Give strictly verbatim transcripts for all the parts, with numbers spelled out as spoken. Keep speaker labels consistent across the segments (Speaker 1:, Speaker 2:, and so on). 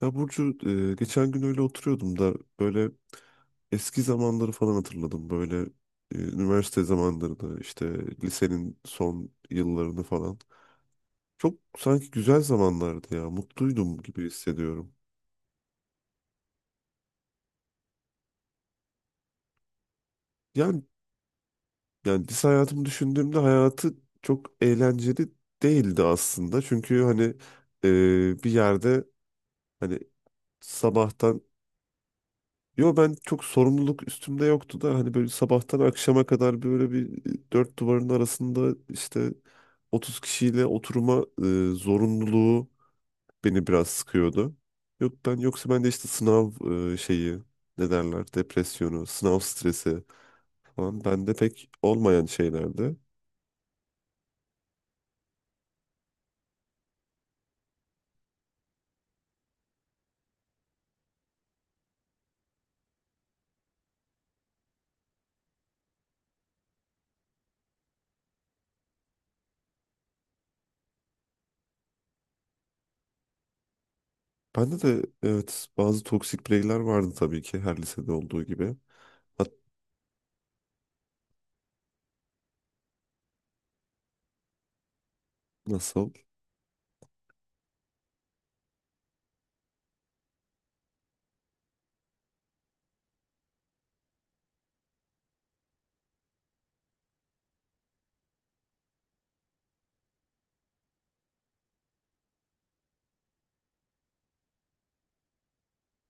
Speaker 1: Ya Burcu, e, geçen gün öyle oturuyordum da böyle eski zamanları falan hatırladım. Böyle e, üniversite zamanlarını, işte lisenin son yıllarını falan. Çok sanki güzel zamanlardı ya, mutluydum gibi hissediyorum. Yani, yani lise hayatımı düşündüğümde hayatı çok eğlenceli değildi aslında. Çünkü hani e, bir yerde hani sabahtan... Yo, ben çok sorumluluk üstümde yoktu da hani böyle sabahtan akşama kadar böyle bir e, dört duvarın arasında, işte otuz kişiyle oturma e, zorunluluğu beni biraz sıkıyordu. Yok ben, yoksa ben de işte sınav e, şeyi, ne derler, depresyonu, sınav stresi falan bende pek olmayan şeylerdi. Bende de evet bazı toksik bireyler vardı tabii ki, her lisede olduğu gibi. Hat, nasıl?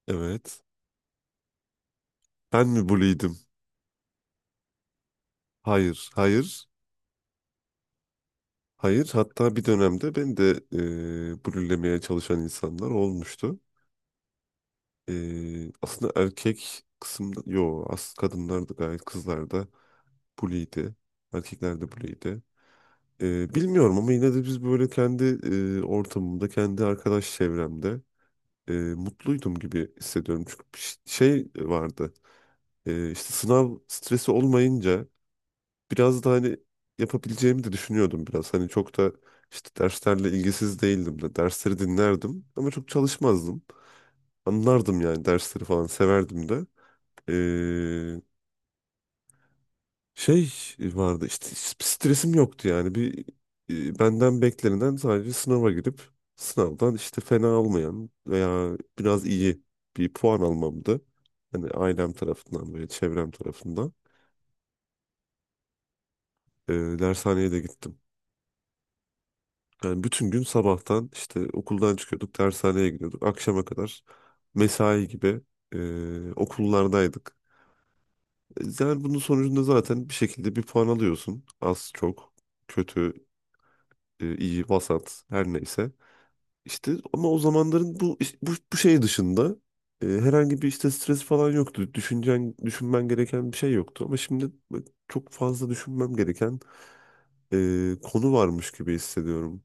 Speaker 1: Evet. Ben mi bully'ydim? Hayır, hayır. Hayır, hatta bir dönemde ben de e, blürlemeye çalışan insanlar olmuştu. E, aslında erkek kısımda, yo as kadınlar da gayet, kızlar da bully'ydi. Erkekler de bully'ydi. E, bilmiyorum ama yine de biz böyle kendi e, ortamımda, kendi arkadaş çevremde e, mutluydum gibi hissediyorum. Çünkü bir ş- şey vardı, e, işte sınav stresi olmayınca biraz da hani yapabileceğimi de düşünüyordum biraz. Hani çok da işte derslerle ilgisiz değildim de, dersleri dinlerdim ama çok çalışmazdım. Anlardım yani, dersleri falan severdim de. Ee, Şey vardı işte, stresim yoktu yani. Bir e, benden beklenilen sadece sınava girip sınavdan işte fena olmayan veya biraz iyi bir puan almamdı. Hani ailem tarafından, böyle çevrem tarafından. Ee, Dershaneye de gittim. Yani bütün gün sabahtan işte okuldan çıkıyorduk, dershaneye gidiyorduk. Akşama kadar mesai gibi e, okullardaydık. E, Yani bunun sonucunda zaten bir şekilde bir puan alıyorsun. Az, çok, kötü, e, iyi, vasat, her neyse. İşte ama o zamanların bu bu, bu şey dışında e, herhangi bir işte stres falan yoktu. Düşüncen, düşünmen gereken bir şey yoktu. Ama şimdi çok fazla düşünmem gereken e, konu varmış gibi hissediyorum.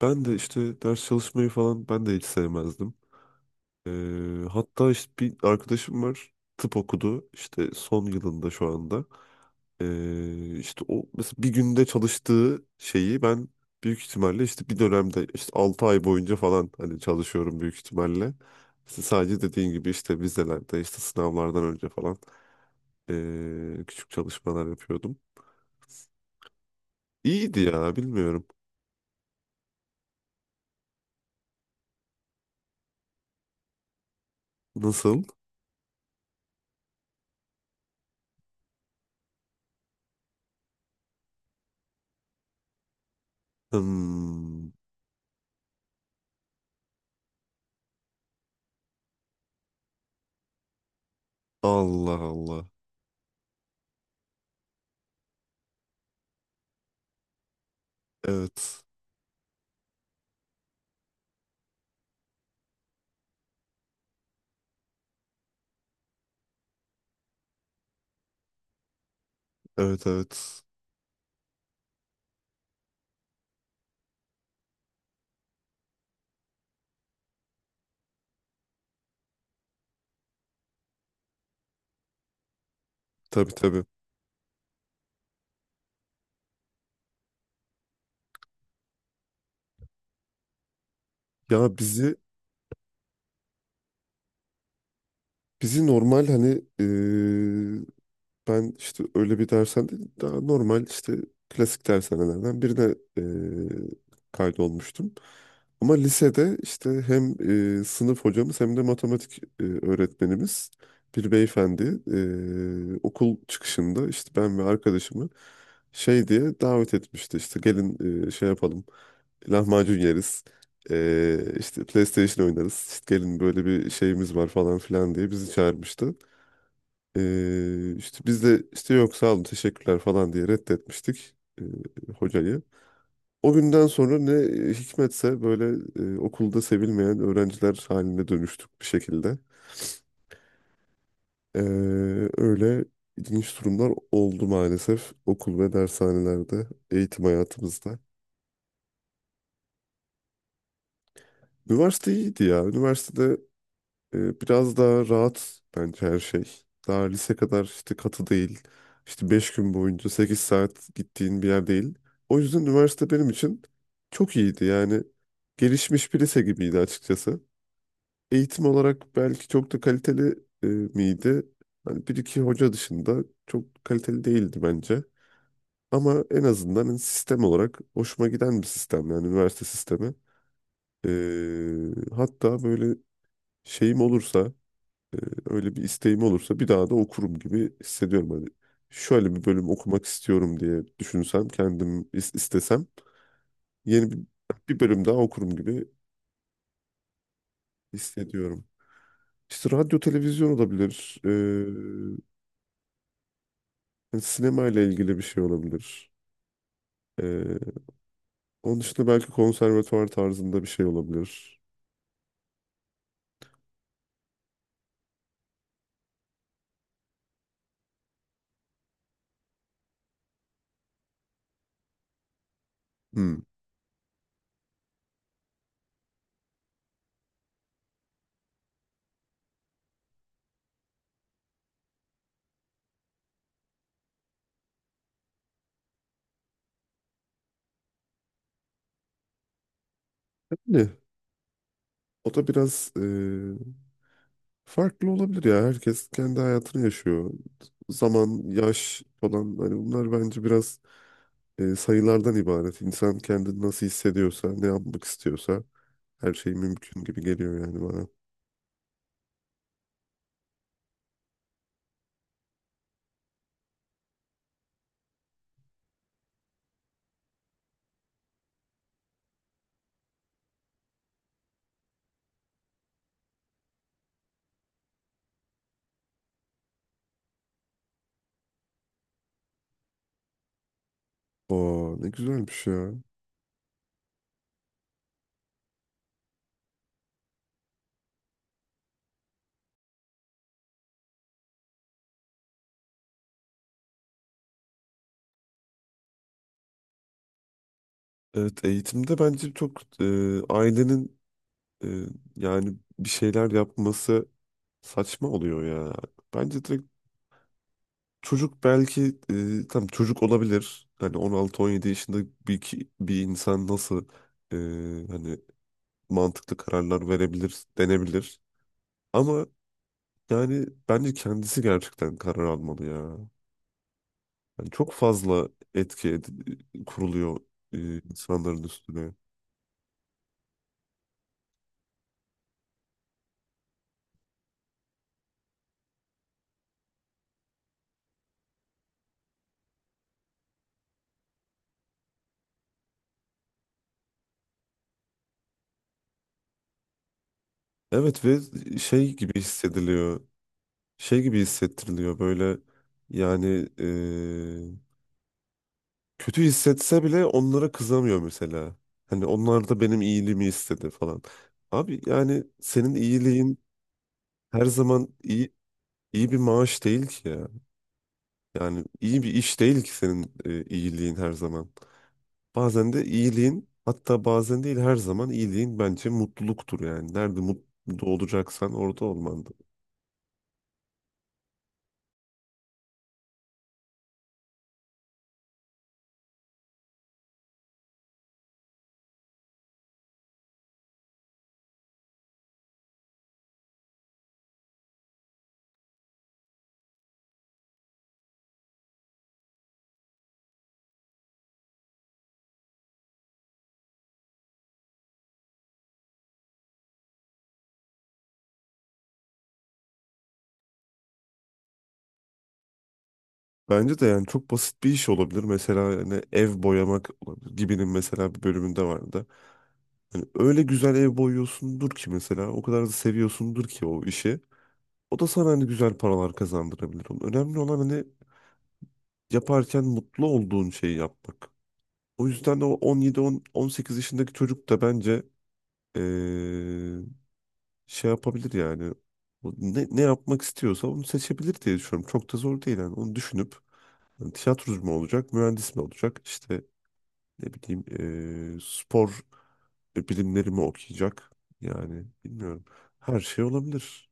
Speaker 1: Ben de işte ders çalışmayı falan, ben de hiç sevmezdim. Ee, hatta işte bir arkadaşım var, tıp okudu işte son yılında şu anda. Ee, işte o mesela bir günde çalıştığı şeyi ben büyük ihtimalle işte bir dönemde işte altı ay boyunca falan hani çalışıyorum büyük ihtimalle. İşte sadece dediğin gibi işte vizelerde, işte sınavlardan önce falan ee, küçük çalışmalar yapıyordum. İyiydi ya, bilmiyorum. Nasıl? Hmm. Allah Allah. Evet. Evet, evet. Tabii, tabii. Ya bizi bizi normal hani eee, ben işte öyle bir dersen değil, daha normal işte klasik dershanelerden birine eee, kaydolmuştum. Ama lisede işte hem eee, sınıf hocamız hem de matematik eee, öğretmenimiz bir beyefendi eee, okul çıkışında işte ben ve arkadaşımı şey diye davet etmişti, işte gelin eee, şey yapalım, lahmacun yeriz. Ee, işte PlayStation oynarız. İşte gelin, böyle bir şeyimiz var falan filan diye bizi çağırmıştı. Ee, işte biz de işte yok, sağ olun, teşekkürler falan diye reddetmiştik e, hocayı. O günden sonra ne hikmetse böyle e, okulda sevilmeyen öğrenciler haline dönüştük bir şekilde. Ee, Öyle ilginç durumlar oldu maalesef okul ve dershanelerde, eğitim hayatımızda. Üniversite iyiydi ya. Üniversitede Ee, biraz daha rahat bence her şey. Daha lise kadar işte katı değil. İşte beş gün boyunca sekiz saat gittiğin bir yer değil. O yüzden üniversite benim için çok iyiydi. Yani gelişmiş bir lise gibiydi açıkçası. Eğitim olarak belki çok da kaliteli e, miydi? Hani bir iki hoca dışında çok kaliteli değildi bence. Ama en azından hani sistem olarak hoşuma giden bir sistem, yani üniversite sistemi. Ee, hatta böyle şeyim olursa, ee, öyle bir isteğim olursa bir daha da okurum gibi hissediyorum. Hani şöyle bir bölüm okumak istiyorum diye düşünsem, kendim is- istesem yeni bir, bir bölüm daha okurum gibi hissediyorum. İşte radyo, televizyon olabilir. Ee, hani sinema ile ilgili bir şey olabilir. Ee, Onun dışında belki konservatuvar tarzında bir şey olabilir. Hmm. Ne? O da biraz e, farklı olabilir ya. Herkes kendi hayatını yaşıyor. Zaman, yaş falan hani, bunlar bence biraz e, sayılardan ibaret. İnsan kendini nasıl hissediyorsa, ne yapmak istiyorsa her şey mümkün gibi geliyor yani bana. Oo, ne güzelmiş ya. Evet, eğitimde bence çok e, ailenin e, yani bir şeyler yapması saçma oluyor ya. Bence direkt çocuk, belki e, tam çocuk olabilir. Hani on altı on yedi yaşında bir, ki- bir insan nasıl e, hani mantıklı kararlar verebilir denebilir. Ama yani bence kendisi gerçekten karar almalı ya. Yani çok fazla etki ed- kuruluyor e, insanların üstüne. Evet ve şey gibi hissediliyor. Şey gibi hissettiriliyor böyle yani e, kötü hissetse bile onlara kızamıyor mesela. Hani onlar da benim iyiliğimi istedi falan. Abi yani senin iyiliğin her zaman iyi iyi bir maaş değil ki ya. Yani iyi bir iş değil ki senin e, iyiliğin her zaman. Bazen de iyiliğin, hatta bazen değil, her zaman iyiliğin bence mutluluktur yani. Nerede mutlu olacaksan orada olman. Bence de, yani çok basit bir iş olabilir. Mesela hani ev boyamak olabilir. Gibi'nin mesela bir bölümünde vardı. Hani öyle güzel ev boyuyorsundur ki mesela, o kadar da seviyorsundur ki o işi. O da sana hani güzel paralar kazandırabilir. Onun, önemli olan hani yaparken mutlu olduğun şeyi yapmak. O yüzden de o on yedi on sekiz yaşındaki çocuk da bence eee, şey yapabilir yani. O ne, ne yapmak istiyorsa onu seçebilir diye düşünüyorum. Çok da zor değil yani. Onu düşünüp hani tiyatrocu mu olacak, mühendis mi olacak? İşte ne bileyim, eee, spor bilimleri mi okuyacak? Yani bilmiyorum. Her şey olabilir.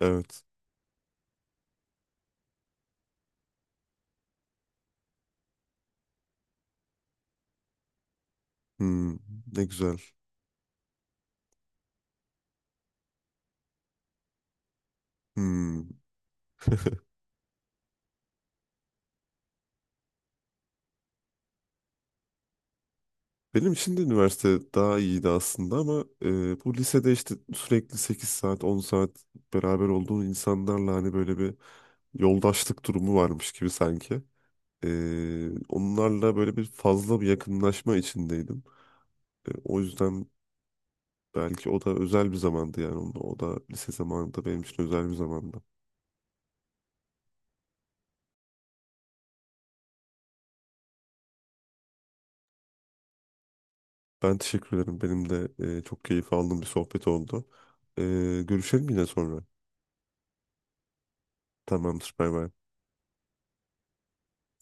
Speaker 1: Evet. Hmm, ne güzel. Hmm. Benim için de üniversite daha iyiydi aslında ama eee, bu lisede işte sürekli sekiz saat on saat beraber olduğun insanlarla hani böyle bir yoldaşlık durumu varmış gibi sanki. Ee, onlarla böyle bir fazla bir yakınlaşma içindeydim. Ee, o yüzden belki o da özel bir zamandı yani. Onun- O da lise zamanında benim için özel bir zamandı. Ben teşekkür ederim. Benim de e, çok keyif aldığım bir sohbet oldu. Ee, görüşelim yine sonra. Tamamdır. Bay bay.